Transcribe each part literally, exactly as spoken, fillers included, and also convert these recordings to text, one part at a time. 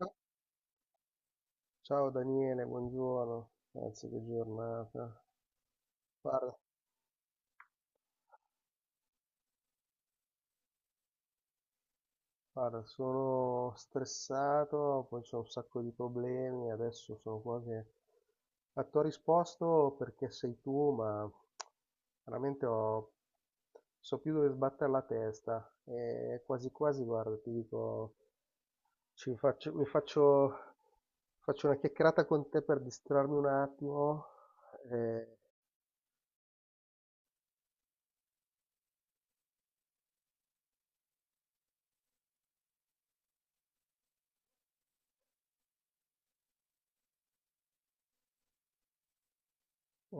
Ah, ciao Daniele, buongiorno, anzi che giornata. Guarda, guarda, sono stressato, poi c'ho un sacco di problemi, adesso sono quasi a tua risposto perché sei tu, ma veramente ho, so più dove sbattere la testa e quasi quasi, guarda, ti dico, ci faccio, mi faccio, faccio una chiacchierata con te per distrarmi un attimo, e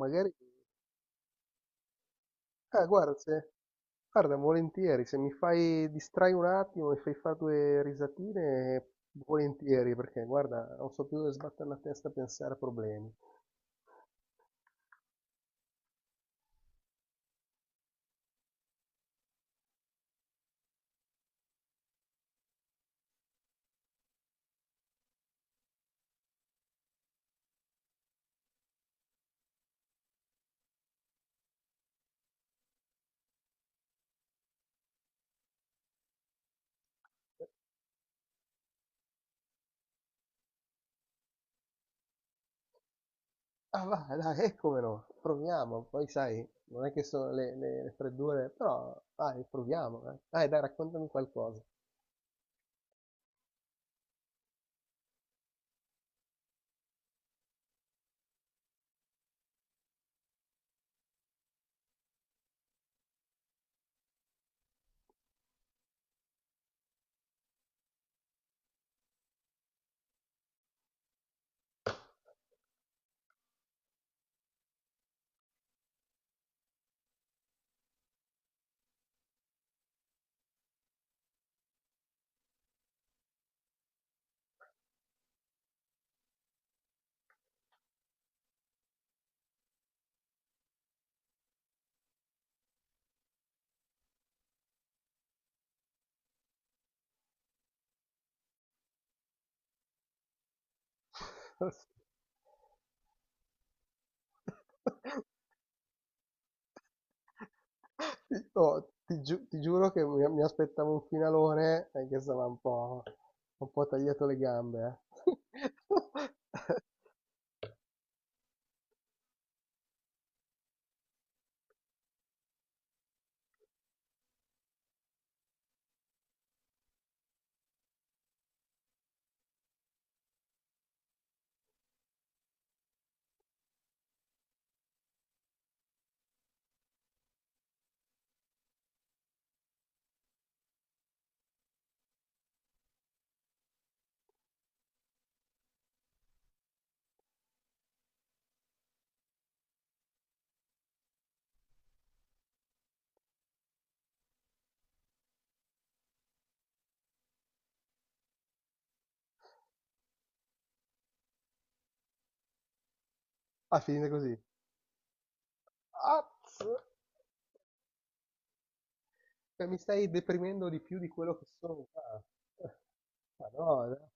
magari. Ah, guarda, se. Guarda, volentieri, se mi fai distrai un attimo, mi fai fare due risatine, volentieri, perché guarda, non so più dove sbattere la testa a pensare a problemi. Ah, va, dai, e come no, proviamo, poi sai, non è che sono le, le- le freddure, però dai, proviamo, eh. Dai, dai, raccontami qualcosa. Oh, ti, giu- ti giuro che mi, mi aspettavo un finalone, eh, che stava un po', un po' tagliato le gambe, eh. Ah, finite così. Azz! Cioè, mi stai deprimendo di più di quello che sono già. Ma no, dai.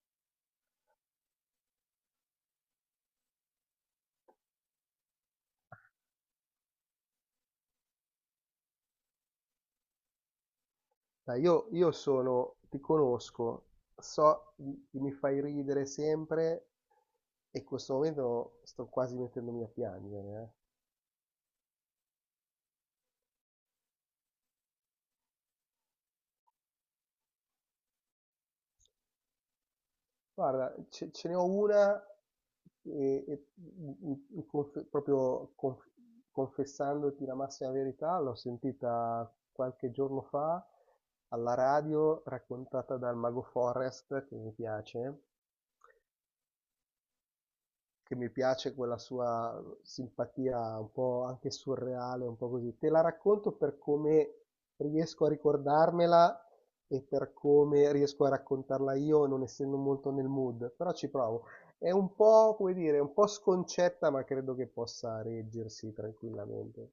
Dai, io, io sono, ti conosco, so che mi fai ridere sempre e in questo momento sto quasi mettendomi a piangere. Eh. Guarda, ce, ce ne ho una e, e- in- in conf- proprio conf- confessandoti la massima verità, l'ho sentita qualche giorno fa alla radio raccontata dal Mago Forrest, che mi piace. che mi piace quella sua simpatia un po' anche surreale, un po' così. Te la racconto per come riesco a ricordarmela e per come riesco a raccontarla io, non essendo molto nel mood, però ci provo. È un po', come dire, un po' sconcetta, ma credo che possa reggersi tranquillamente.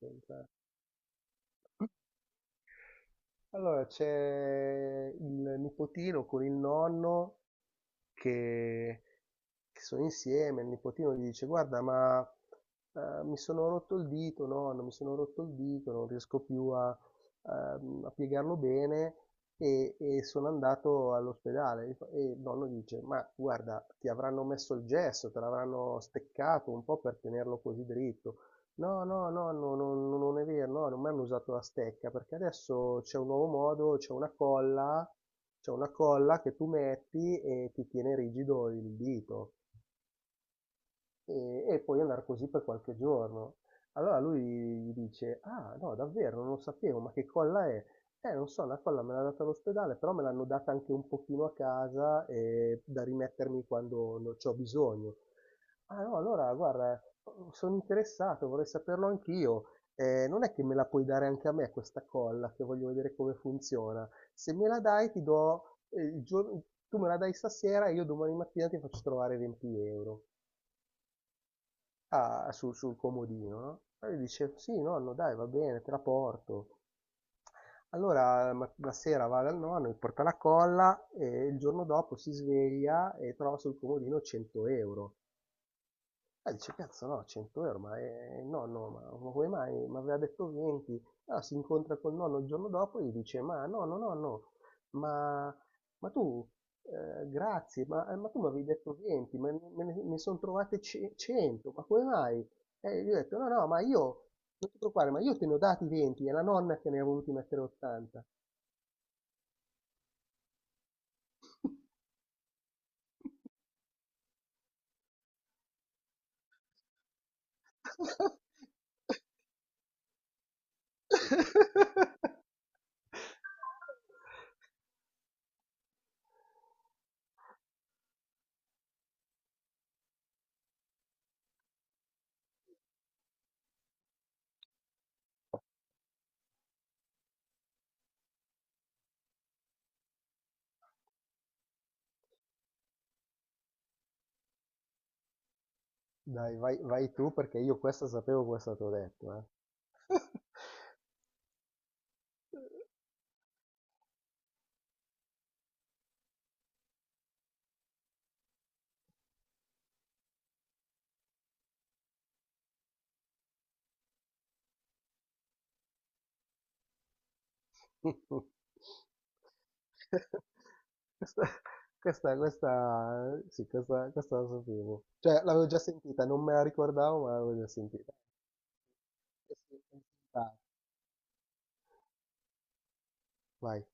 Allora, c'è il nipotino con il nonno che che sono insieme, il nipotino gli dice: guarda, ma eh, mi sono rotto il dito, nonno, mi sono rotto il dito, non riesco più a, ehm, a piegarlo bene. E, e sono andato all'ospedale. E fa- e il nonno dice: ma guarda, ti avranno messo il gesso, te l'avranno steccato un po' per tenerlo così dritto. No, no, no, no, no, no, non è vero, no, non mi hanno usato la stecca perché adesso c'è un nuovo modo, c'è una colla c'è una colla che tu metti e ti tiene rigido il dito e, e puoi andare così per qualche giorno. Allora lui gli dice, ah no, davvero, non lo sapevo, ma che colla è? Eh, non so, la colla me l'ha data all'ospedale, però me l'hanno data anche un pochino a casa eh, da rimettermi quando ne ho bisogno. Ah no, allora guarda, sono interessato, vorrei saperlo anch'io. Eh, non è che me la puoi dare anche a me questa colla, che voglio vedere come funziona. Se me la dai, ti do, eh, il giorno- tu me la dai stasera e io domani mattina ti faccio trovare venti euro. Ah, sul, sul comodino, no? E lui dice, sì, nonno, dai, va bene, te la porto. Allora ma- la sera va dal nonno, gli porta la colla e il giorno dopo si sveglia e trova sul comodino cento euro. Eh, dice, cazzo no, cento euro, ma eh, nonno, ma, ma come mai? Mi aveva detto venti. Allora si incontra col nonno il giorno dopo e gli dice, ma nonno, nonno, ma, ma tu, eh, grazie, ma, eh, ma tu mi avevi detto venti, ma ne- me ne, ne sono trovate ce- cento, ma come mai? E gli ho detto, no, no, ma io, non ti preoccupare, ma io te ne ho dati venti, è la nonna che ne ha voluti mettere ottanta. Dai, vai, vai tu perché io questa sapevo questa te l'ho detto, eh. Questa, questa, questa, sì, questa, questa la sapevo. Cioè, l'avevo già sentita, non me la ricordavo, ma l'avevo già sentita. Sì, sì, sì, sì, dai, vai.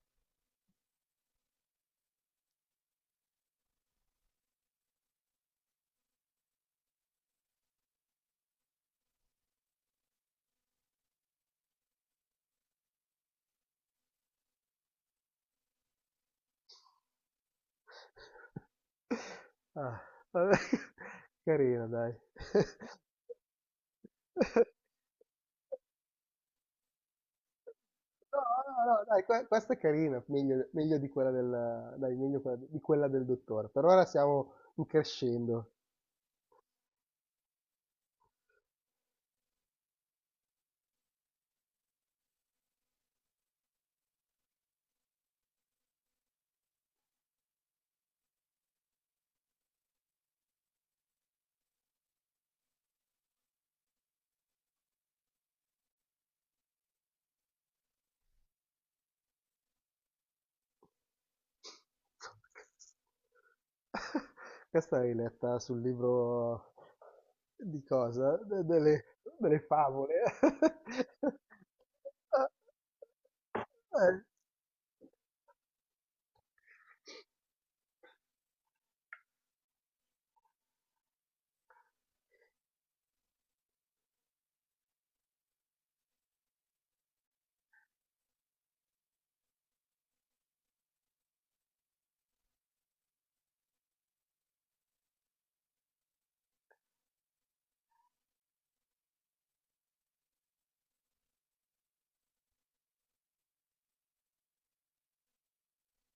Ah, vabbè, carina, dai. No, no, no, dai, que- questa è carina, meglio, meglio di quella del, dai, meglio quella- di quella del dottore. Per ora siamo in crescendo. Questa l'hai letta sul libro di cosa? De- delle, delle favole. Eh,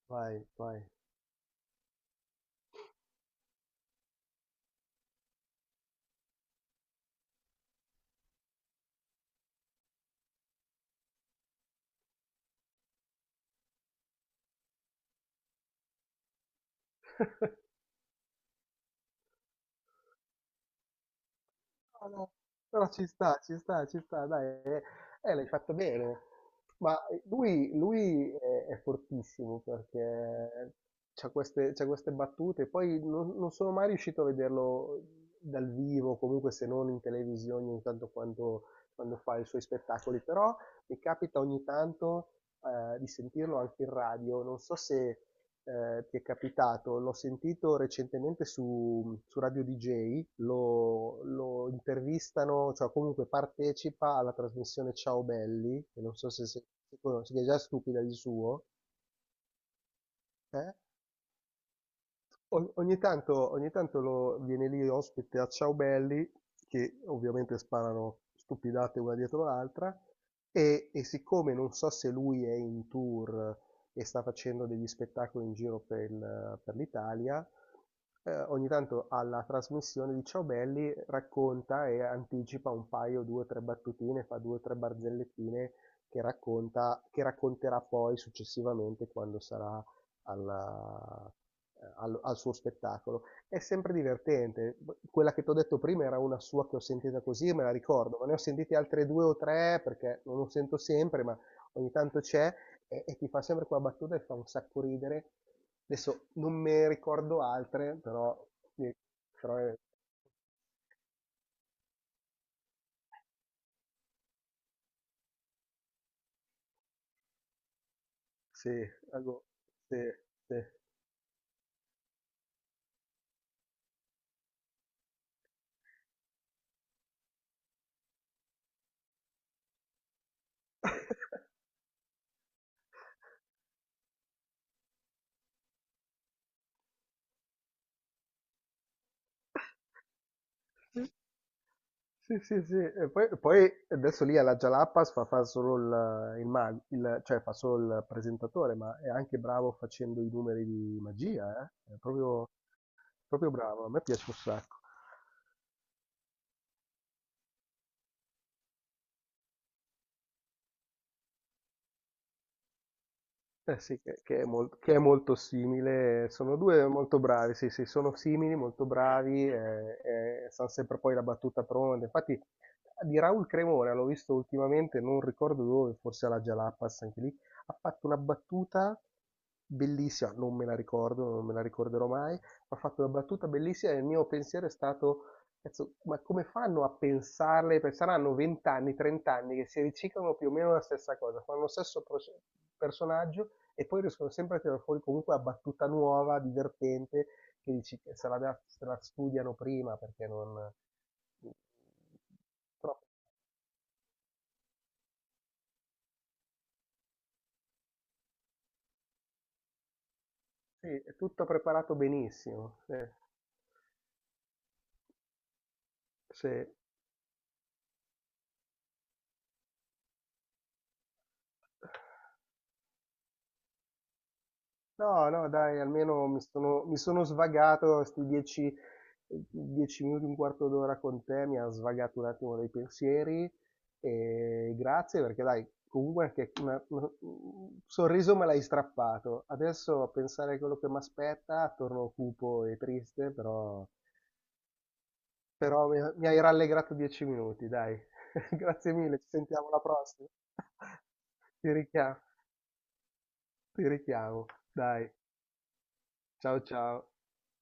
vai, vai. No, no, però ci sta, ci sta, ci sta, dai, eh, eh, l'hai fatto bene. Ma lui, lui è, è fortissimo perché c'ha queste, c'ha queste battute, poi non, non sono mai riuscito a vederlo dal vivo, comunque se non in televisione ogni tanto quando, quando fa i suoi spettacoli, però mi capita ogni tanto eh, di sentirlo anche in radio, non so se eh, ti è capitato, l'ho sentito recentemente su, su Radio D J, lo, lo intervistano, cioè comunque partecipa alla trasmissione Ciao Belli, che non so se, se, se, se è già stupida di suo, eh? O- Ogni tanto, ogni tanto lo- viene lì ospite a Ciao Belli, che ovviamente sparano stupidate una dietro l'altra, e, e siccome non so se lui è in tour e sta facendo degli spettacoli in giro per, il- per l'Italia, eh, ogni tanto alla trasmissione di Ciao Belli racconta e anticipa un paio, due o tre battutine, fa due o tre barzellettine che racconta, che racconterà poi successivamente quando sarà alla- al, al suo spettacolo. È sempre divertente. Quella che ti ho detto prima era una sua che ho sentita così, e me la ricordo, ma ne ho sentite altre due o tre perché non lo sento sempre, ma ogni tanto c'è e, e ti fa sempre quella battuta e fa un sacco ridere. Adesso non me ricordo altre, però, sì, però è- sì, algo- sì, sì. Sì, sì, sì. E poi, poi adesso lì alla Jalapas fa, fa solo il, il, mag- il- cioè fa solo il presentatore, ma è anche bravo facendo i numeri di magia, eh? È proprio, proprio bravo, a me piace un sacco. Eh sì, che, che è mol- che è molto simile, sono due molto bravi, sì, sì, sono simili, molto bravi, eh, eh, sanno sempre poi la battuta pronta. Infatti di Raul Cremona, l'ho visto ultimamente, non ricordo dove, forse alla Jalapas, anche lì, ha fatto una battuta bellissima, non me la ricordo, non me la ricorderò mai, ma ha fatto una battuta bellissima e il mio pensiero è stato: "Cazzo, ma come fanno a pensarle? Perché saranno 20 anni, 30 anni che si riciclano più o meno la stessa cosa, fanno lo stesso proce- personaggio e poi riescono sempre a tirare fuori comunque la battuta nuova, divertente, che dici che se la, da- se la studiano prima perché non." Però, sì, è tutto preparato benissimo. Sì, sì. No, no, dai, almeno mi sono, mi sono svagato questi dieci, dieci minuti, un quarto d'ora con te, mi ha svagato un attimo dei pensieri e grazie perché dai, comunque anche una- una- un sorriso me l'hai strappato. Adesso a pensare a quello che mi aspetta, torno cupo e triste, però, però mi, mi hai rallegrato dieci minuti, dai. Grazie mille, ci sentiamo alla prossima. Ti richiamo, ti richiamo, dai, ciao ciao.